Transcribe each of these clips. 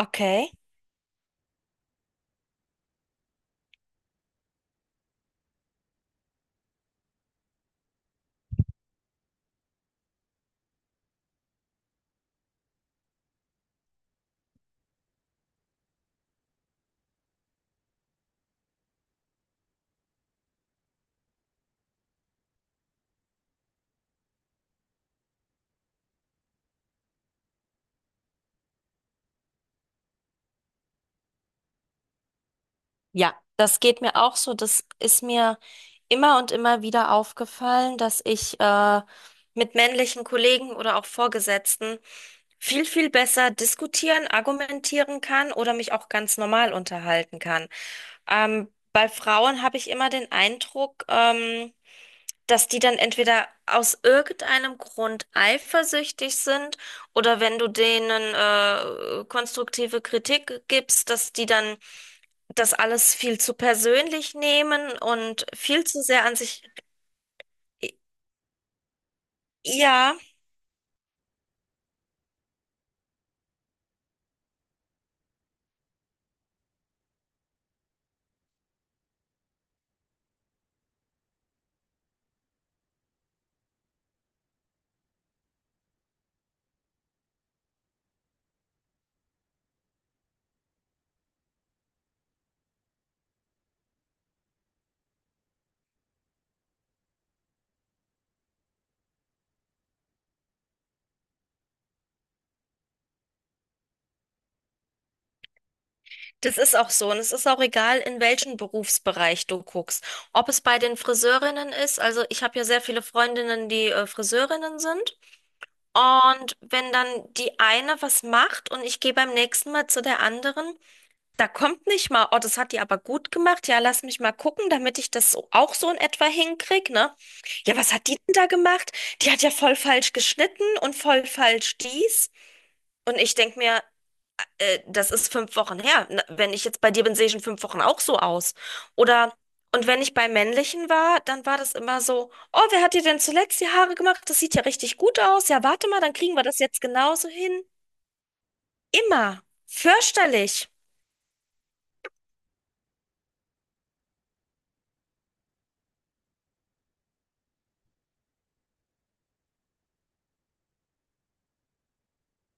Okay. Ja, das geht mir auch so. Das ist mir immer und immer wieder aufgefallen, dass ich mit männlichen Kollegen oder auch Vorgesetzten viel, viel besser diskutieren, argumentieren kann oder mich auch ganz normal unterhalten kann. Bei Frauen habe ich immer den Eindruck, dass die dann entweder aus irgendeinem Grund eifersüchtig sind oder wenn du denen konstruktive Kritik gibst, dass die dann das alles viel zu persönlich nehmen und viel zu sehr an sich. Ja, das ist auch so. Und es ist auch egal, in welchen Berufsbereich du guckst. Ob es bei den Friseurinnen ist, also ich habe ja sehr viele Freundinnen, die Friseurinnen sind. Und wenn dann die eine was macht und ich gehe beim nächsten Mal zu der anderen, da kommt nicht mal, oh, das hat die aber gut gemacht. Ja, lass mich mal gucken, damit ich das so, auch so in etwa hinkrieg, ne? Ja, was hat die denn da gemacht? Die hat ja voll falsch geschnitten und voll falsch dies. Und ich denk mir, das ist 5 Wochen her. Na, wenn ich jetzt bei dir bin, sehe ich in 5 Wochen auch so aus. Oder, und wenn ich bei männlichen war, dann war das immer so, oh, wer hat dir denn zuletzt die Haare gemacht? Das sieht ja richtig gut aus. Ja, warte mal, dann kriegen wir das jetzt genauso hin. Immer. Fürchterlich.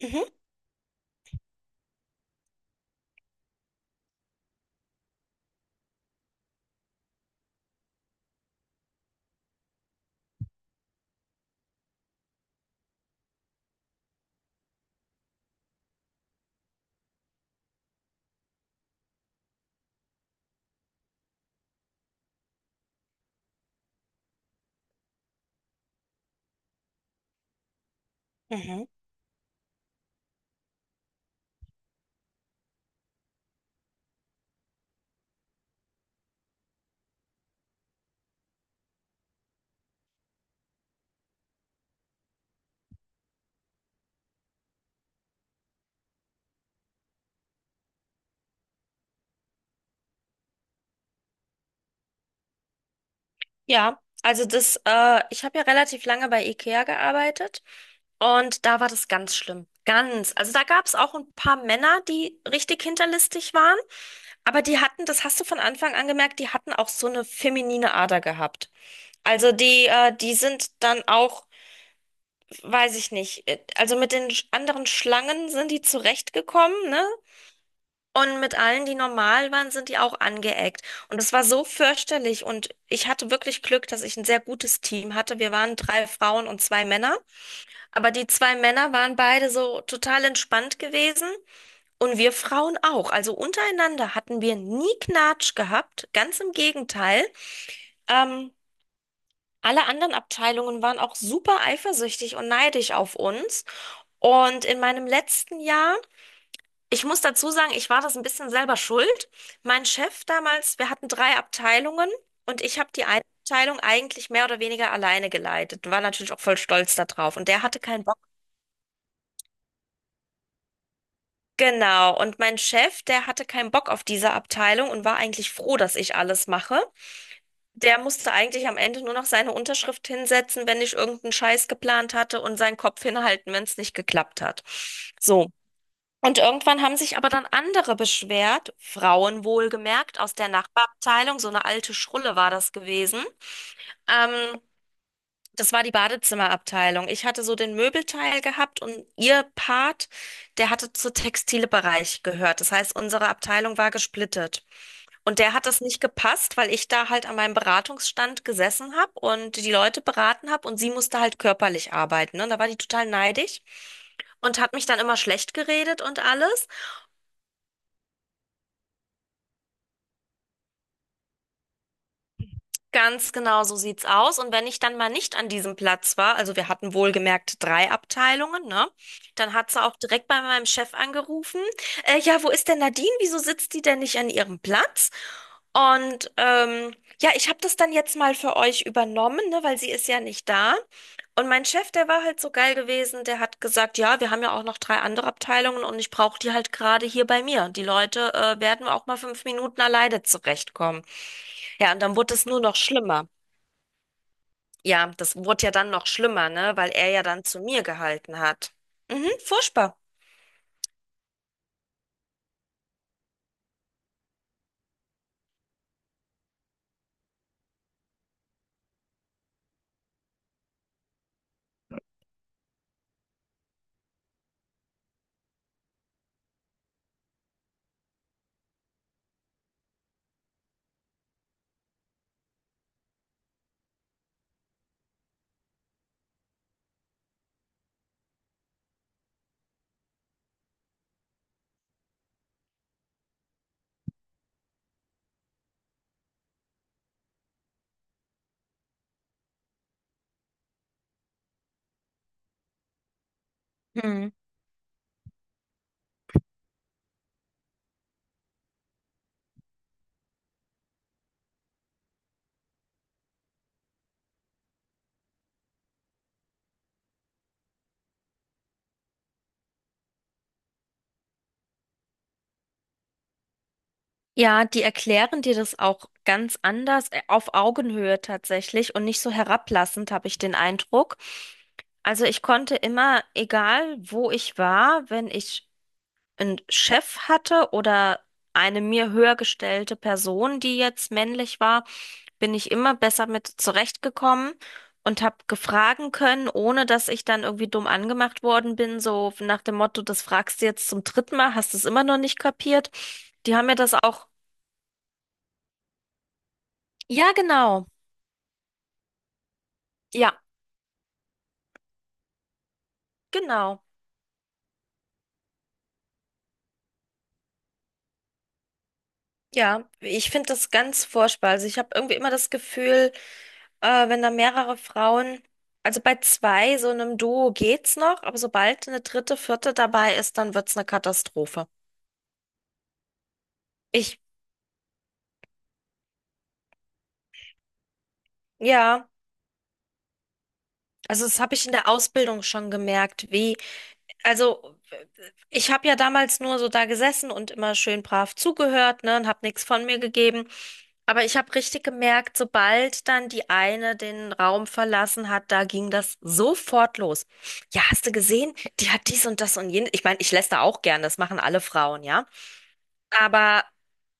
Mhm. Mhm. Ja, also ich habe ja relativ lange bei IKEA gearbeitet und da war das ganz schlimm. Ganz. Also da gab es auch ein paar Männer, die richtig hinterlistig waren, aber die hatten, das hast du von Anfang an gemerkt, die hatten auch so eine feminine Ader gehabt. Also die sind dann auch, weiß ich nicht, also mit den anderen Schlangen sind die zurechtgekommen, ne? Und mit allen, die normal waren, sind die auch angeeckt. Und es war so fürchterlich. Und ich hatte wirklich Glück, dass ich ein sehr gutes Team hatte. Wir waren drei Frauen und zwei Männer. Aber die zwei Männer waren beide so total entspannt gewesen. Und wir Frauen auch. Also untereinander hatten wir nie Knatsch gehabt. Ganz im Gegenteil. Ähm, Alle anderen Abteilungen waren auch super eifersüchtig und neidisch auf uns. Und in meinem letzten Jahr, ich muss dazu sagen, ich war das ein bisschen selber schuld. Mein Chef damals, wir hatten drei Abteilungen und ich habe die eine Abteilung eigentlich mehr oder weniger alleine geleitet. War natürlich auch voll stolz darauf. Und der hatte keinen Bock. Genau. Und mein Chef, der hatte keinen Bock auf diese Abteilung und war eigentlich froh, dass ich alles mache. Der musste eigentlich am Ende nur noch seine Unterschrift hinsetzen, wenn ich irgendeinen Scheiß geplant hatte und seinen Kopf hinhalten, wenn es nicht geklappt hat. So. Und irgendwann haben sich aber dann andere beschwert, Frauen wohlgemerkt, aus der Nachbarabteilung, so eine alte Schrulle war das gewesen. Ähm, Das war die Badezimmerabteilung. Ich hatte so den Möbelteil gehabt und ihr Part, der hatte zu Textilbereich gehört. Das heißt, unsere Abteilung war gesplittet. Und der hat das nicht gepasst, weil ich da halt an meinem Beratungsstand gesessen habe und die Leute beraten habe und sie musste halt körperlich arbeiten. Ne? Und da war die total neidisch und hat mich dann immer schlecht geredet und alles. Ganz genau so sieht's aus. Und wenn ich dann mal nicht an diesem Platz war, also wir hatten wohlgemerkt drei Abteilungen, ne? Dann hat sie auch direkt bei meinem Chef angerufen. Ja, wo ist denn Nadine? Wieso sitzt die denn nicht an ihrem Platz? Und ja, ich habe das dann jetzt mal für euch übernommen, ne, weil sie ist ja nicht da. Und mein Chef, der war halt so geil gewesen, der hat gesagt, ja, wir haben ja auch noch drei andere Abteilungen und ich brauche die halt gerade hier bei mir. Die Leute werden auch mal 5 Minuten alleine zurechtkommen. Ja, und dann wurde es nur noch schlimmer. Ja, das wurde ja dann noch schlimmer, ne? Weil er ja dann zu mir gehalten hat. Mhm, furchtbar. Hm. Ja, die erklären dir das auch ganz anders, auf Augenhöhe tatsächlich und nicht so herablassend, habe ich den Eindruck. Also ich konnte immer, egal wo ich war, wenn ich einen Chef hatte oder eine mir höher gestellte Person, die jetzt männlich war, bin ich immer besser mit zurechtgekommen und habe gefragen können, ohne dass ich dann irgendwie dumm angemacht worden bin, so nach dem Motto, das fragst du jetzt zum dritten Mal, hast du es immer noch nicht kapiert. Die haben mir das auch. Ja, genau. Ja, genau. Ja, ich finde das ganz furchtbar. Also ich habe irgendwie immer das Gefühl, wenn da mehrere Frauen, also bei zwei, so einem Duo geht's noch, aber sobald eine dritte, vierte dabei ist, dann wird's eine Katastrophe. Ich, ja. Also das habe ich in der Ausbildung schon gemerkt, wie, also ich habe ja damals nur so da gesessen und immer schön brav zugehört, ne, und habe nichts von mir gegeben. Aber ich habe richtig gemerkt, sobald dann die eine den Raum verlassen hat, da ging das sofort los. Ja, hast du gesehen? Die hat dies und das und jenes. Ich meine, ich lässt da auch gern, das machen alle Frauen, ja. Aber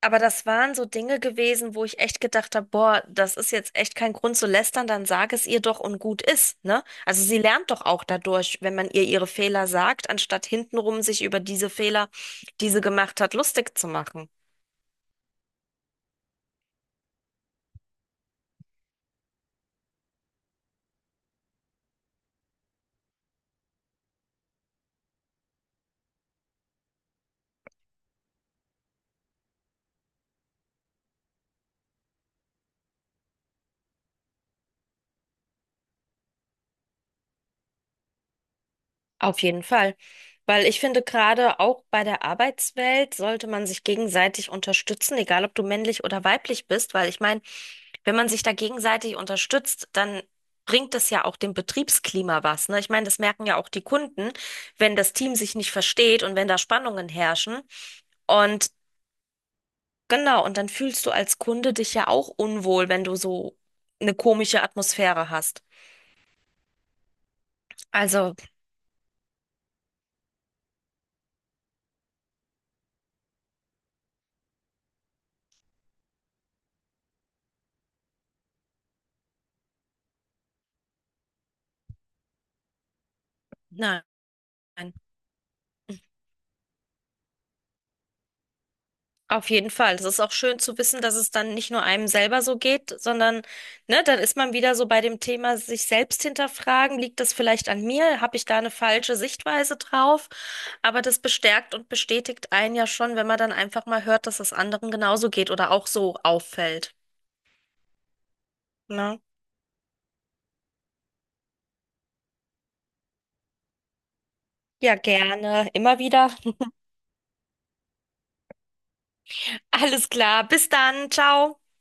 das waren so Dinge gewesen, wo ich echt gedacht habe, boah, das ist jetzt echt kein Grund zu lästern, dann sag es ihr doch und gut ist, ne? Also sie lernt doch auch dadurch, wenn man ihr ihre Fehler sagt, anstatt hintenrum sich über diese Fehler, die sie gemacht hat, lustig zu machen. Auf jeden Fall. Weil ich finde, gerade auch bei der Arbeitswelt sollte man sich gegenseitig unterstützen, egal ob du männlich oder weiblich bist, weil ich meine, wenn man sich da gegenseitig unterstützt, dann bringt das ja auch dem Betriebsklima was, ne? Ich meine, das merken ja auch die Kunden, wenn das Team sich nicht versteht und wenn da Spannungen herrschen. Und genau, und dann fühlst du als Kunde dich ja auch unwohl, wenn du so eine komische Atmosphäre hast. Also, nein. Auf jeden Fall. Es ist auch schön zu wissen, dass es dann nicht nur einem selber so geht, sondern, ne, dann ist man wieder so bei dem Thema sich selbst hinterfragen. Liegt das vielleicht an mir? Habe ich da eine falsche Sichtweise drauf? Aber das bestärkt und bestätigt einen ja schon, wenn man dann einfach mal hört, dass es anderen genauso geht oder auch so auffällt. Ne? Ja, gerne. Immer wieder. Alles klar. Bis dann. Ciao.